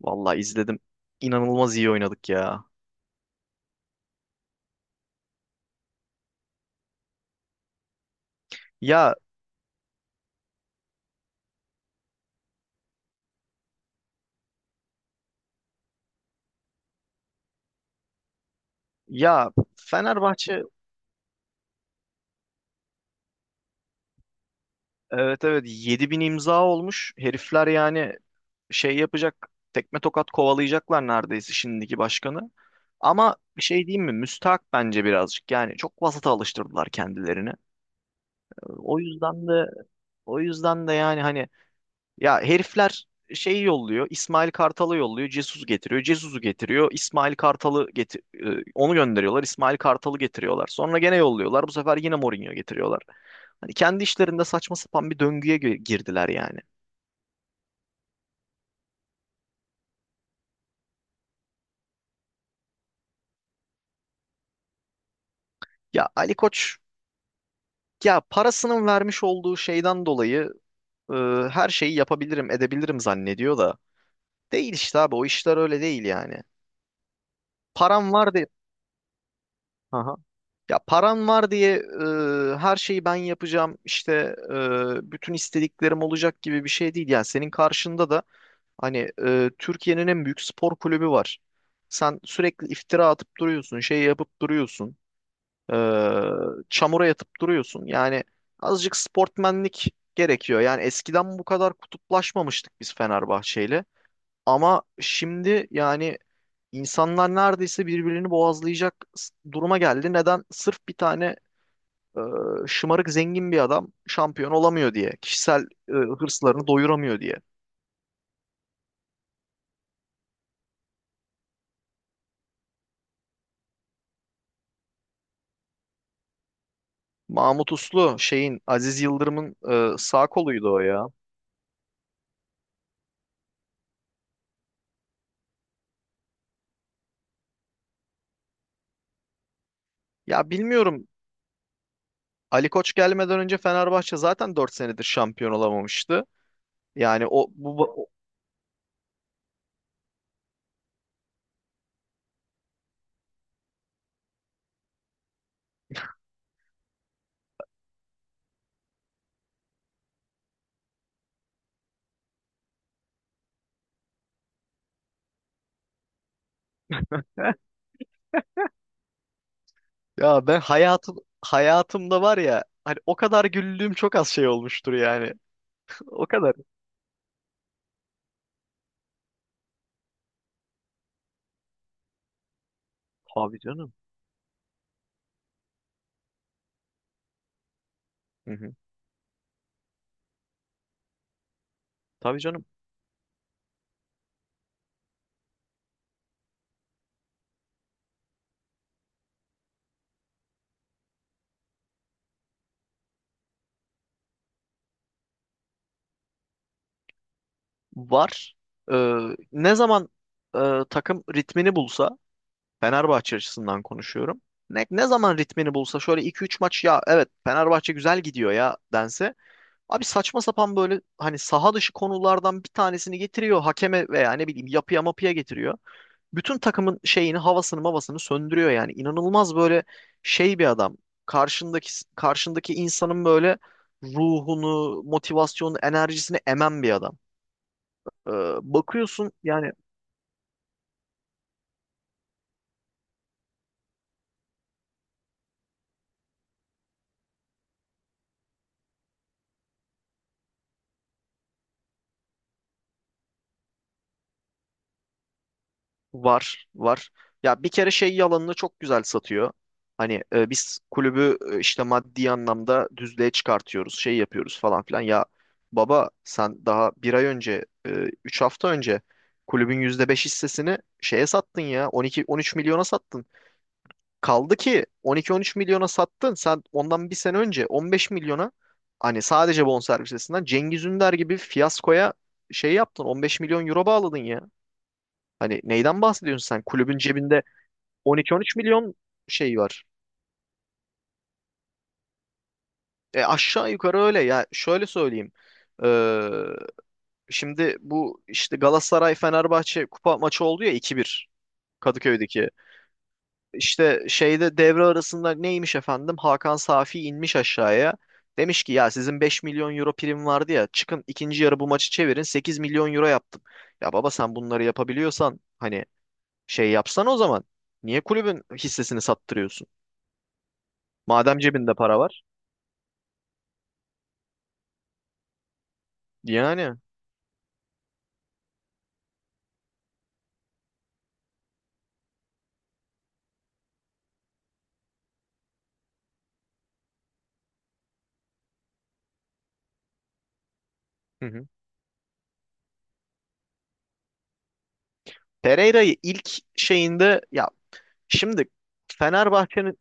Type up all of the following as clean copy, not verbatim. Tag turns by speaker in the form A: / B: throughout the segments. A: Vallahi izledim. İnanılmaz iyi oynadık ya. Ya ya Fenerbahçe. Evet, evet, 7.000 imza olmuş. Herifler yani şey yapacak. Tekme tokat kovalayacaklar neredeyse şimdiki başkanı. Ama bir şey diyeyim mi? Müstahak bence birazcık. Yani çok vasata alıştırdılar kendilerini. O yüzden de o yüzden de yani hani. Ya herifler şeyi yolluyor. İsmail Kartal'ı yolluyor. Jesus getiriyor. Jesus'u getiriyor. İsmail Kartal'ı getir e, onu gönderiyorlar. İsmail Kartal'ı getiriyorlar. Sonra gene yolluyorlar. Bu sefer yine Mourinho getiriyorlar. Hani kendi işlerinde saçma sapan bir döngüye girdiler yani. Ya Ali Koç, ya parasının vermiş olduğu şeyden dolayı, e, her şeyi yapabilirim, edebilirim zannediyor da değil işte abi, o işler öyle değil yani. Param var diye. Ya param var diye, her şeyi ben yapacağım işte, bütün istediklerim olacak gibi bir şey değil. Yani senin karşında da hani, Türkiye'nin en büyük spor kulübü var. Sen sürekli iftira atıp duruyorsun, şey yapıp duruyorsun, e, çamura yatıp duruyorsun. Yani azıcık sportmenlik gerekiyor. Yani eskiden bu kadar kutuplaşmamıştık biz Fenerbahçe'yle. Ama şimdi yani insanlar neredeyse birbirini boğazlayacak duruma geldi. Neden? Sırf bir tane, e, şımarık zengin bir adam şampiyon olamıyor diye. Kişisel, hırslarını doyuramıyor diye. Mahmut Uslu şeyin, Aziz Yıldırım'ın, sağ koluydu o ya. Ya bilmiyorum, Ali Koç gelmeden önce Fenerbahçe zaten 4 senedir şampiyon olamamıştı. Yani o ya ben hayatımda var ya hani o kadar güldüğüm çok az şey olmuştur yani. O kadar. Tabii canım. Hı hı. Tabii canım. Var. Ee, ne zaman, e, takım ritmini bulsa, Fenerbahçe açısından konuşuyorum. Ne zaman ritmini bulsa şöyle iki üç maç ya evet Fenerbahçe güzel gidiyor ya dense. Abi saçma sapan böyle hani saha dışı konulardan bir tanesini getiriyor hakeme veya ne bileyim yapıya mapıya getiriyor. Bütün takımın şeyini havasını mavasını söndürüyor yani. İnanılmaz böyle şey bir adam. Karşındaki karşındaki insanın böyle ruhunu, motivasyonunu, enerjisini emen bir adam. Ee, bakıyorsun yani. Var, var. Ya bir kere şey yalanını çok güzel satıyor. Hani, biz kulübü, işte maddi anlamda düzlüğe çıkartıyoruz, şey yapıyoruz falan filan. Ya baba sen daha bir ay önce, 3 hafta önce, kulübün %5 hissesini şeye sattın ya, 12-13 milyona sattın. Kaldı ki 12-13 milyona sattın. Sen ondan bir sene önce 15 milyona hani sadece bonservisinden Cengiz Ünder gibi fiyaskoya şey yaptın. 15 milyon euro bağladın ya. Hani neyden bahsediyorsun sen? Kulübün cebinde 12-13 milyon şey var. E aşağı yukarı öyle ya. Şöyle söyleyeyim. Ee, şimdi bu işte Galatasaray Fenerbahçe kupa maçı oldu ya, 2-1, Kadıköy'deki. İşte şeyde devre arasında neymiş efendim? Hakan Safi inmiş aşağıya. Demiş ki ya sizin 5 milyon euro prim vardı ya çıkın ikinci yarı bu maçı çevirin 8 milyon euro yaptım. Ya baba sen bunları yapabiliyorsan hani şey yapsan o zaman niye kulübün hissesini sattırıyorsun? Madem cebinde para var. Yani. Hı hı. Pereira'yı ilk şeyinde ya şimdi Fenerbahçe'nin,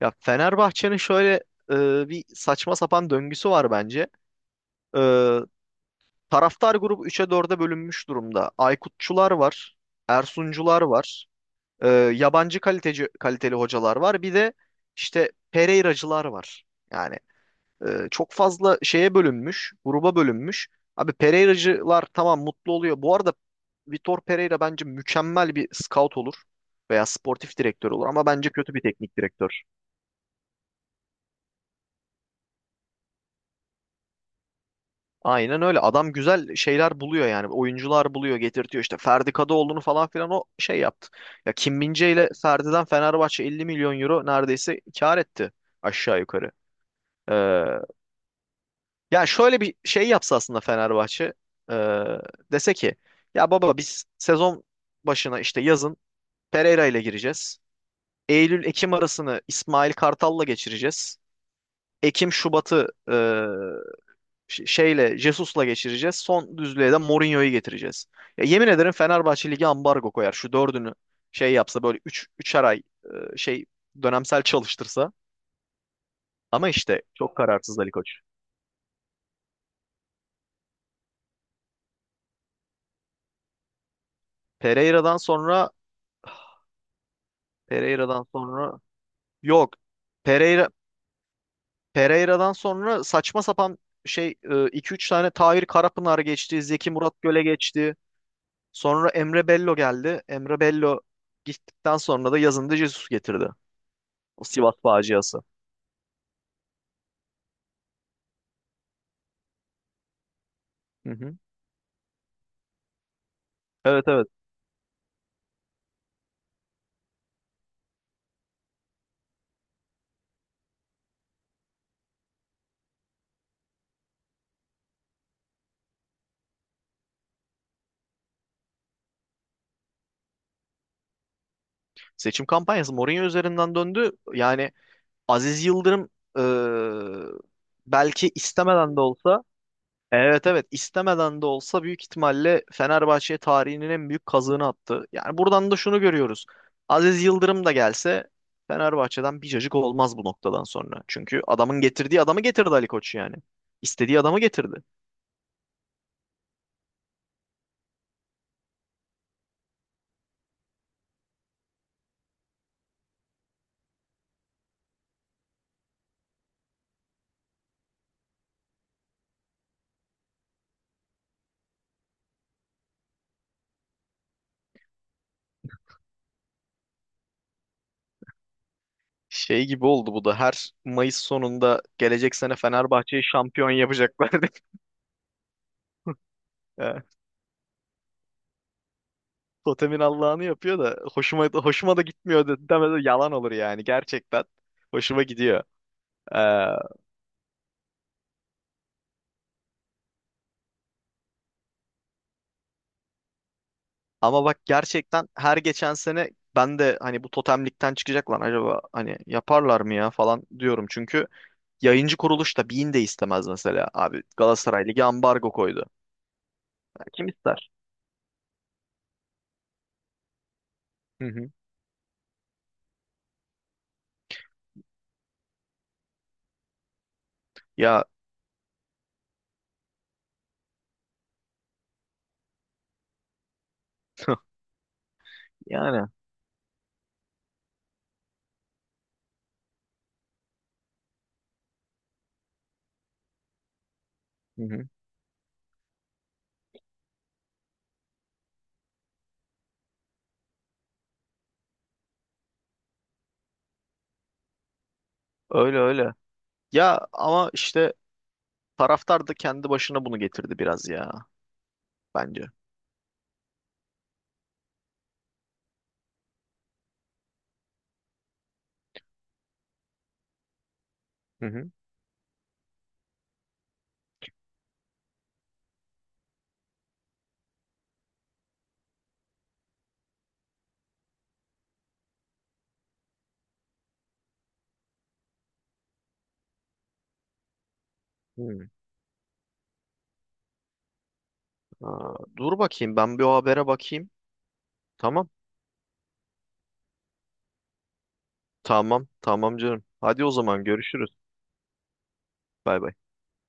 A: şöyle, bir saçma sapan döngüsü var bence. E, taraftar grubu üç'e dörde bölünmüş durumda. Aykutçular var, Ersuncular var, e, yabancı kaliteli hocalar var. Bir de işte Pereiracılar var. Yani, çok fazla şeye bölünmüş, gruba bölünmüş. Abi Pereira'cılar tamam mutlu oluyor. Bu arada Vitor Pereira bence mükemmel bir scout olur veya sportif direktör olur ama bence kötü bir teknik direktör. Aynen öyle. Adam güzel şeyler buluyor yani. Oyuncular buluyor, getirtiyor işte. Ferdi Kadıoğlu'nu falan filan o şey yaptı. Ya Kim Min-jae ile Ferdi'den Fenerbahçe 50 milyon euro neredeyse kar etti aşağı yukarı. Ee, Ya şöyle bir şey yapsa aslında Fenerbahçe, e, dese ki ya baba biz sezon başına işte yazın Pereira ile gireceğiz. Eylül-Ekim arasını İsmail Kartal'la geçireceğiz. Ekim-Şubat'ı, şeyle Jesus'la geçireceğiz. Son düzlüğe de Mourinho'yu getireceğiz. Ya yemin ederim Fenerbahçe Ligi ambargo koyar. Şu dördünü şey yapsa böyle üçer ay, şey dönemsel çalıştırsa. Ama işte çok kararsız Ali Koç. Pereira'dan sonra Pereira'dan sonra yok. Pereira Pereira'dan sonra saçma sapan şey, iki üç tane Tahir Karapınar geçti. Zeki Murat Göle geçti. Sonra Emre Bello geldi. Emre Bello gittikten sonra da yazında Jesus getirdi. O Sivas faciası. Hı hı. Evet, evet. Seçim kampanyası Mourinho üzerinden döndü. Yani Aziz Yıldırım, e, belki istemeden de olsa, evet, evet, istemeden de olsa büyük ihtimalle Fenerbahçe tarihinin en büyük kazığını attı. Yani buradan da şunu görüyoruz. Aziz Yıldırım da gelse Fenerbahçe'den bir cacık olmaz bu noktadan sonra. Çünkü adamın getirdiği adamı getirdi Ali Koç yani. İstediği adamı getirdi. Şey gibi oldu bu da, her Mayıs sonunda gelecek sene Fenerbahçe'yi şampiyon yapacaklar diye. Totemin Allah'ını yapıyor da hoşuma da gitmiyor de, demedi yalan olur yani gerçekten. Hoşuma gidiyor. Ama bak gerçekten her geçen sene ben de hani bu totemlikten çıkacak lan acaba hani yaparlar mı ya falan diyorum. Çünkü yayıncı kuruluş da Bein de istemez mesela. Abi Galatasaray Ligi ambargo koydu. Ya kim ister? Hı hı. Ya yani hı hı. Öyle öyle. Ya ama işte taraftar da kendi başına bunu getirdi biraz ya bence. Hı hı. Hı. Aa, dur bakayım ben bir o habere bakayım. Tamam. Tamam. Tamam canım. Hadi o zaman görüşürüz. Bay bay.